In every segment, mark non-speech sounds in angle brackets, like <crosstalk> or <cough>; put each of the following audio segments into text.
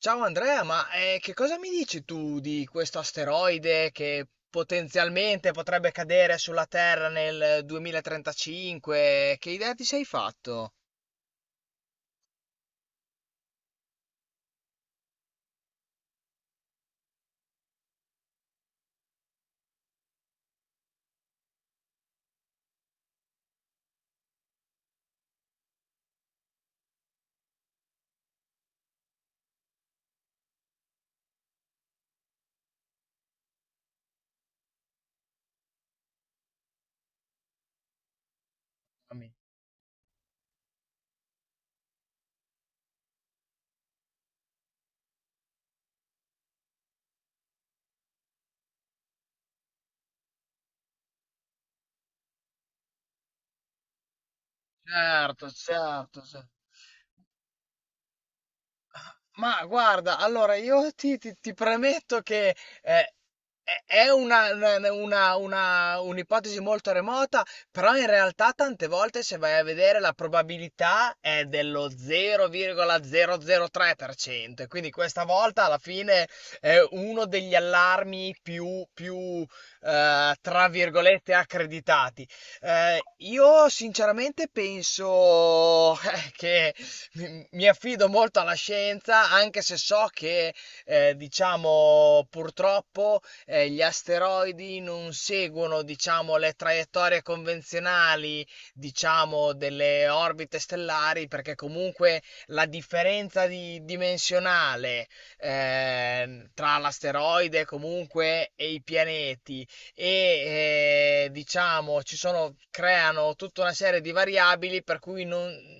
Ciao Andrea, che cosa mi dici tu di questo asteroide che potenzialmente potrebbe cadere sulla Terra nel 2035? Che idea ti sei fatto? Certo, certo, certo. Ma guarda, allora io ti premetto che eh, è un'ipotesi molto remota, però in realtà tante volte se vai a vedere la probabilità è dello 0,003%, quindi questa volta alla fine è uno degli allarmi tra virgolette, accreditati. Io sinceramente penso <laughs> che mi affido molto alla scienza, anche se so che, diciamo, purtroppo gli asteroidi non seguono, diciamo, le traiettorie convenzionali, diciamo, delle orbite stellari, perché comunque la dimensionale tra l'asteroide comunque e i pianeti diciamo ci sono, creano tutta una serie di variabili per cui non-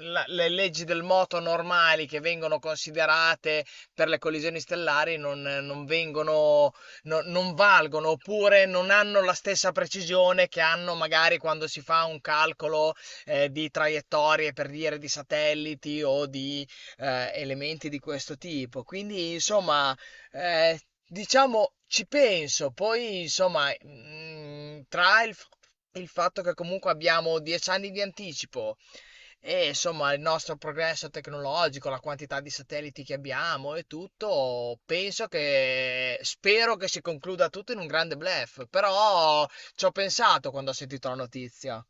la- le leggi del moto normali che vengono considerate per le collisioni stellari non, non vengono, no- non valgono, oppure non hanno la stessa precisione che hanno magari quando si fa un calcolo di traiettorie, per dire, di satelliti o di elementi di questo tipo. Quindi, insomma, eh, diciamo, ci penso, poi insomma, il fatto che comunque abbiamo 10 anni di anticipo e insomma il nostro progresso tecnologico, la quantità di satelliti che abbiamo e tutto, penso che spero che si concluda tutto in un grande bluff, però ci ho pensato quando ho sentito la notizia.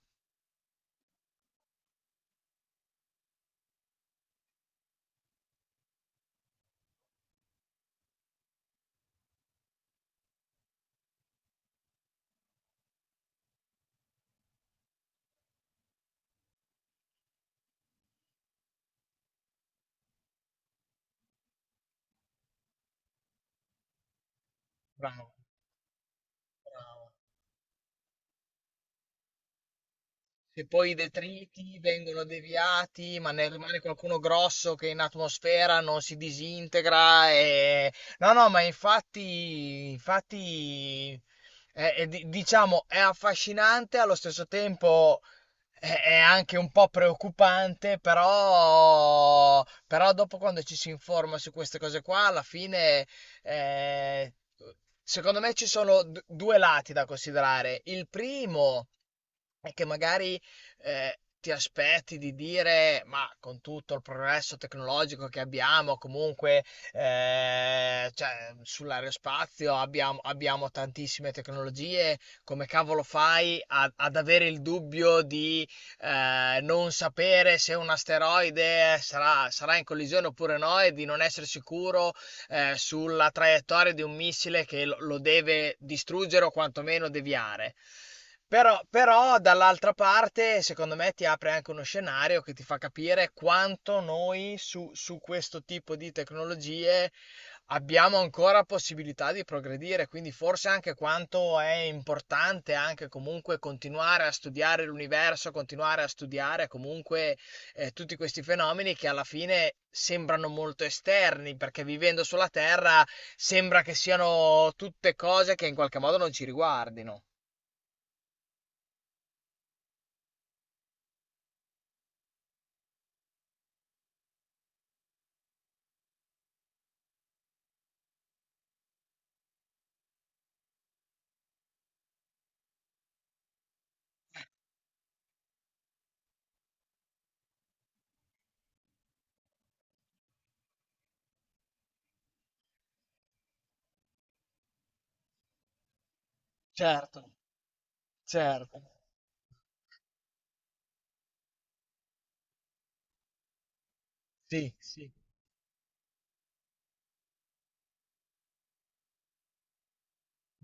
Bravo, bravo. Se poi i detriti vengono deviati, ma ne rimane qualcuno grosso che in atmosfera non si disintegra. E... No, no, ma infatti, infatti diciamo, è affascinante, allo stesso tempo è anche un po' preoccupante, però, però dopo quando ci si informa su queste cose qua, alla fine... eh, Secondo me ci sono due lati da considerare. Il primo e che magari ti aspetti di dire, ma con tutto il progresso tecnologico che abbiamo, comunque cioè, sull'aerospazio abbiamo tantissime tecnologie, come cavolo fai ad avere il dubbio di non sapere se un asteroide sarà in collisione oppure no, e di non essere sicuro sulla traiettoria di un missile che lo deve distruggere o quantomeno deviare. Però, però dall'altra parte, secondo me, ti apre anche uno scenario che ti fa capire quanto noi su questo tipo di tecnologie abbiamo ancora possibilità di progredire, quindi forse anche quanto è importante anche comunque continuare a studiare l'universo, continuare a studiare comunque tutti questi fenomeni che alla fine sembrano molto esterni, perché vivendo sulla Terra sembra che siano tutte cose che in qualche modo non ci riguardino. Certo, certo. Sì, sì.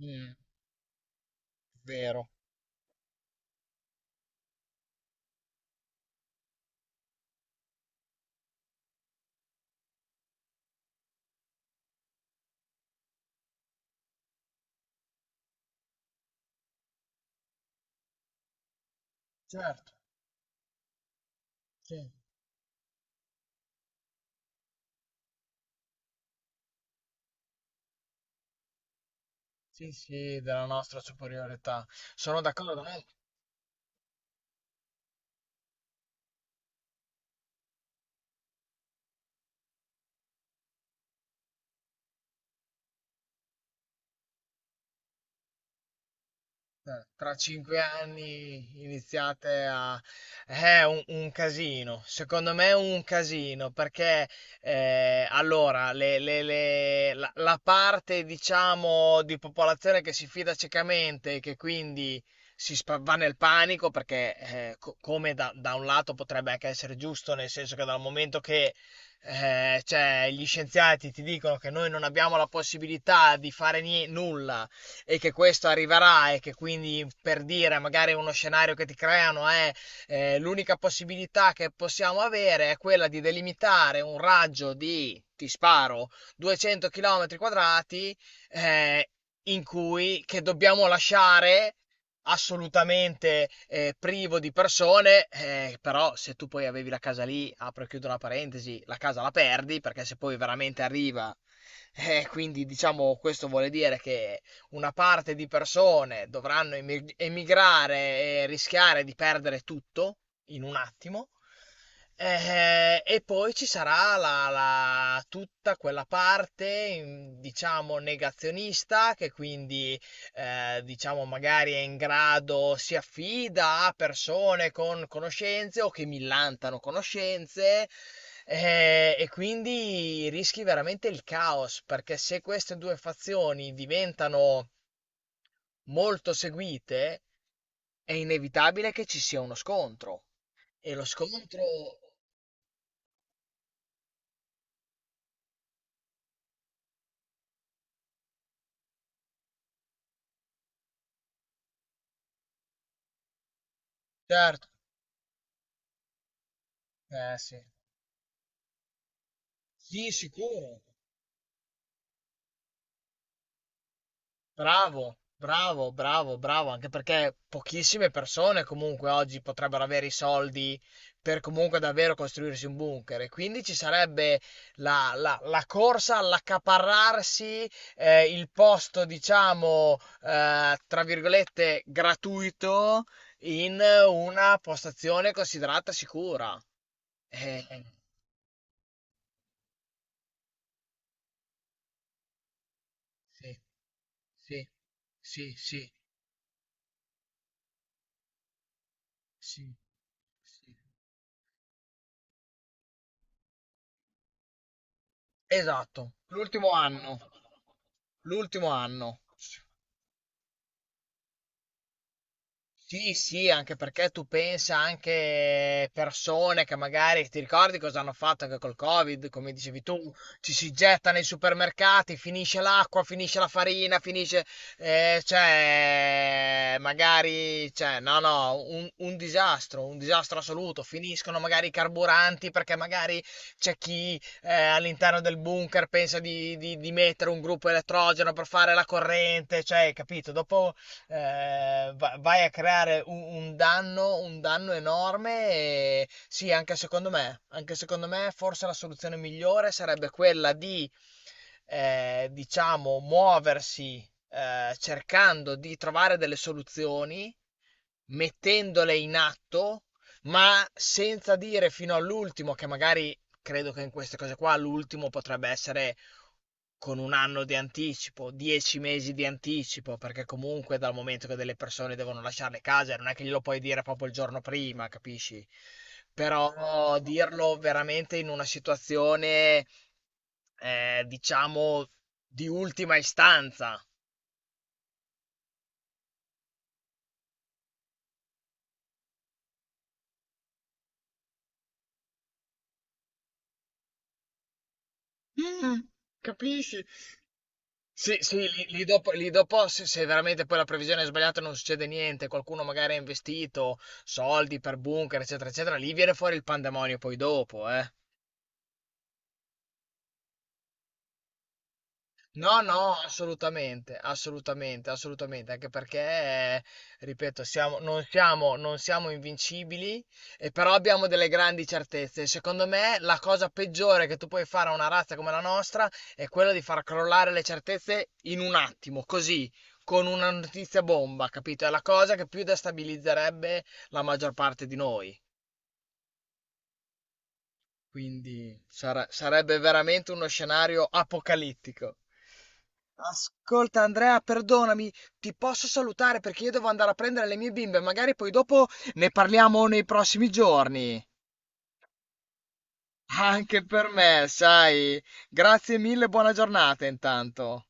Mm, vero. Certo. Sì. Sì, sì, della nostra superiorità. Sono d'accordo, no? Tra 5 anni iniziate a... È un casino, secondo me è un casino, perché allora la parte, diciamo, di popolazione che si fida ciecamente e che quindi va nel panico, perché come da un lato potrebbe anche essere giusto, nel senso che dal momento che cioè, gli scienziati ti dicono che noi non abbiamo la possibilità di fare nulla, e che questo arriverà, e che quindi per dire magari uno scenario che ti creano è l'unica possibilità che possiamo avere è quella di delimitare un raggio di, ti sparo, 200 km quadrati, eh, in cui che dobbiamo lasciare assolutamente privo di persone. Eh, però se tu poi avevi la casa lì, apro e chiudo una parentesi, la casa la perdi perché se poi veramente arriva, quindi diciamo, questo vuole dire che una parte di persone dovranno emigrare e rischiare di perdere tutto in un attimo. E poi ci sarà tutta quella parte, diciamo, negazionista, che quindi diciamo, magari è in grado, si affida a persone con conoscenze o che millantano conoscenze. Eh, e quindi rischi veramente il caos, perché se queste due fazioni diventano molto seguite, è inevitabile che ci sia uno scontro. E lo scontro, certo. Eh sì, sì, sicuro. Bravo, bravo, bravo, bravo, anche perché pochissime persone comunque oggi potrebbero avere i soldi per comunque davvero costruirsi un bunker, e quindi ci sarebbe la corsa all'accaparrarsi il posto, diciamo, tra virgolette, gratuito in una postazione considerata sicura. Eh, sì, sì, sì, sì, sì, sì, sì. Esatto, l'ultimo anno, l'ultimo anno. Sì, sì, anche perché tu pensa anche, persone che magari, ti ricordi cosa hanno fatto anche col Covid, come dicevi tu, ci si getta nei supermercati, finisce l'acqua, finisce la farina, finisce, cioè, magari, cioè, no, no, un disastro assoluto. Finiscono magari i carburanti perché magari c'è chi all'interno del bunker pensa di, di mettere un gruppo elettrogeno per fare la corrente, cioè, capito? Dopo vai a creare un danno enorme, e sì, anche secondo me forse la soluzione migliore sarebbe quella di, diciamo, muoversi cercando di trovare delle soluzioni, mettendole in atto, ma senza dire fino all'ultimo che magari... Credo che in queste cose qua l'ultimo potrebbe essere con un anno di anticipo, 10 mesi di anticipo, perché comunque dal momento che delle persone devono lasciare le case, non è che glielo puoi dire proprio il giorno prima, capisci? Però dirlo veramente in una situazione, diciamo, di ultima istanza. Mm. Capisci? Sì, sì, lì, lì dopo, lì dopo, se, se veramente poi la previsione è sbagliata e non succede niente, qualcuno magari ha investito soldi per bunker, eccetera, eccetera, lì viene fuori il pandemonio poi dopo, eh. No, no, assolutamente, assolutamente, assolutamente, anche perché, ripeto, non non siamo invincibili, e però abbiamo delle grandi certezze. Secondo me, la cosa peggiore che tu puoi fare a una razza come la nostra è quella di far crollare le certezze in un attimo, così, con una notizia bomba, capito? È la cosa che più destabilizzerebbe la maggior parte di noi. Quindi sarebbe veramente uno scenario apocalittico. Ascolta Andrea, perdonami, ti posso salutare perché io devo andare a prendere le mie bimbe, magari poi dopo ne parliamo nei prossimi giorni. Anche per me, sai. Grazie mille, buona giornata intanto.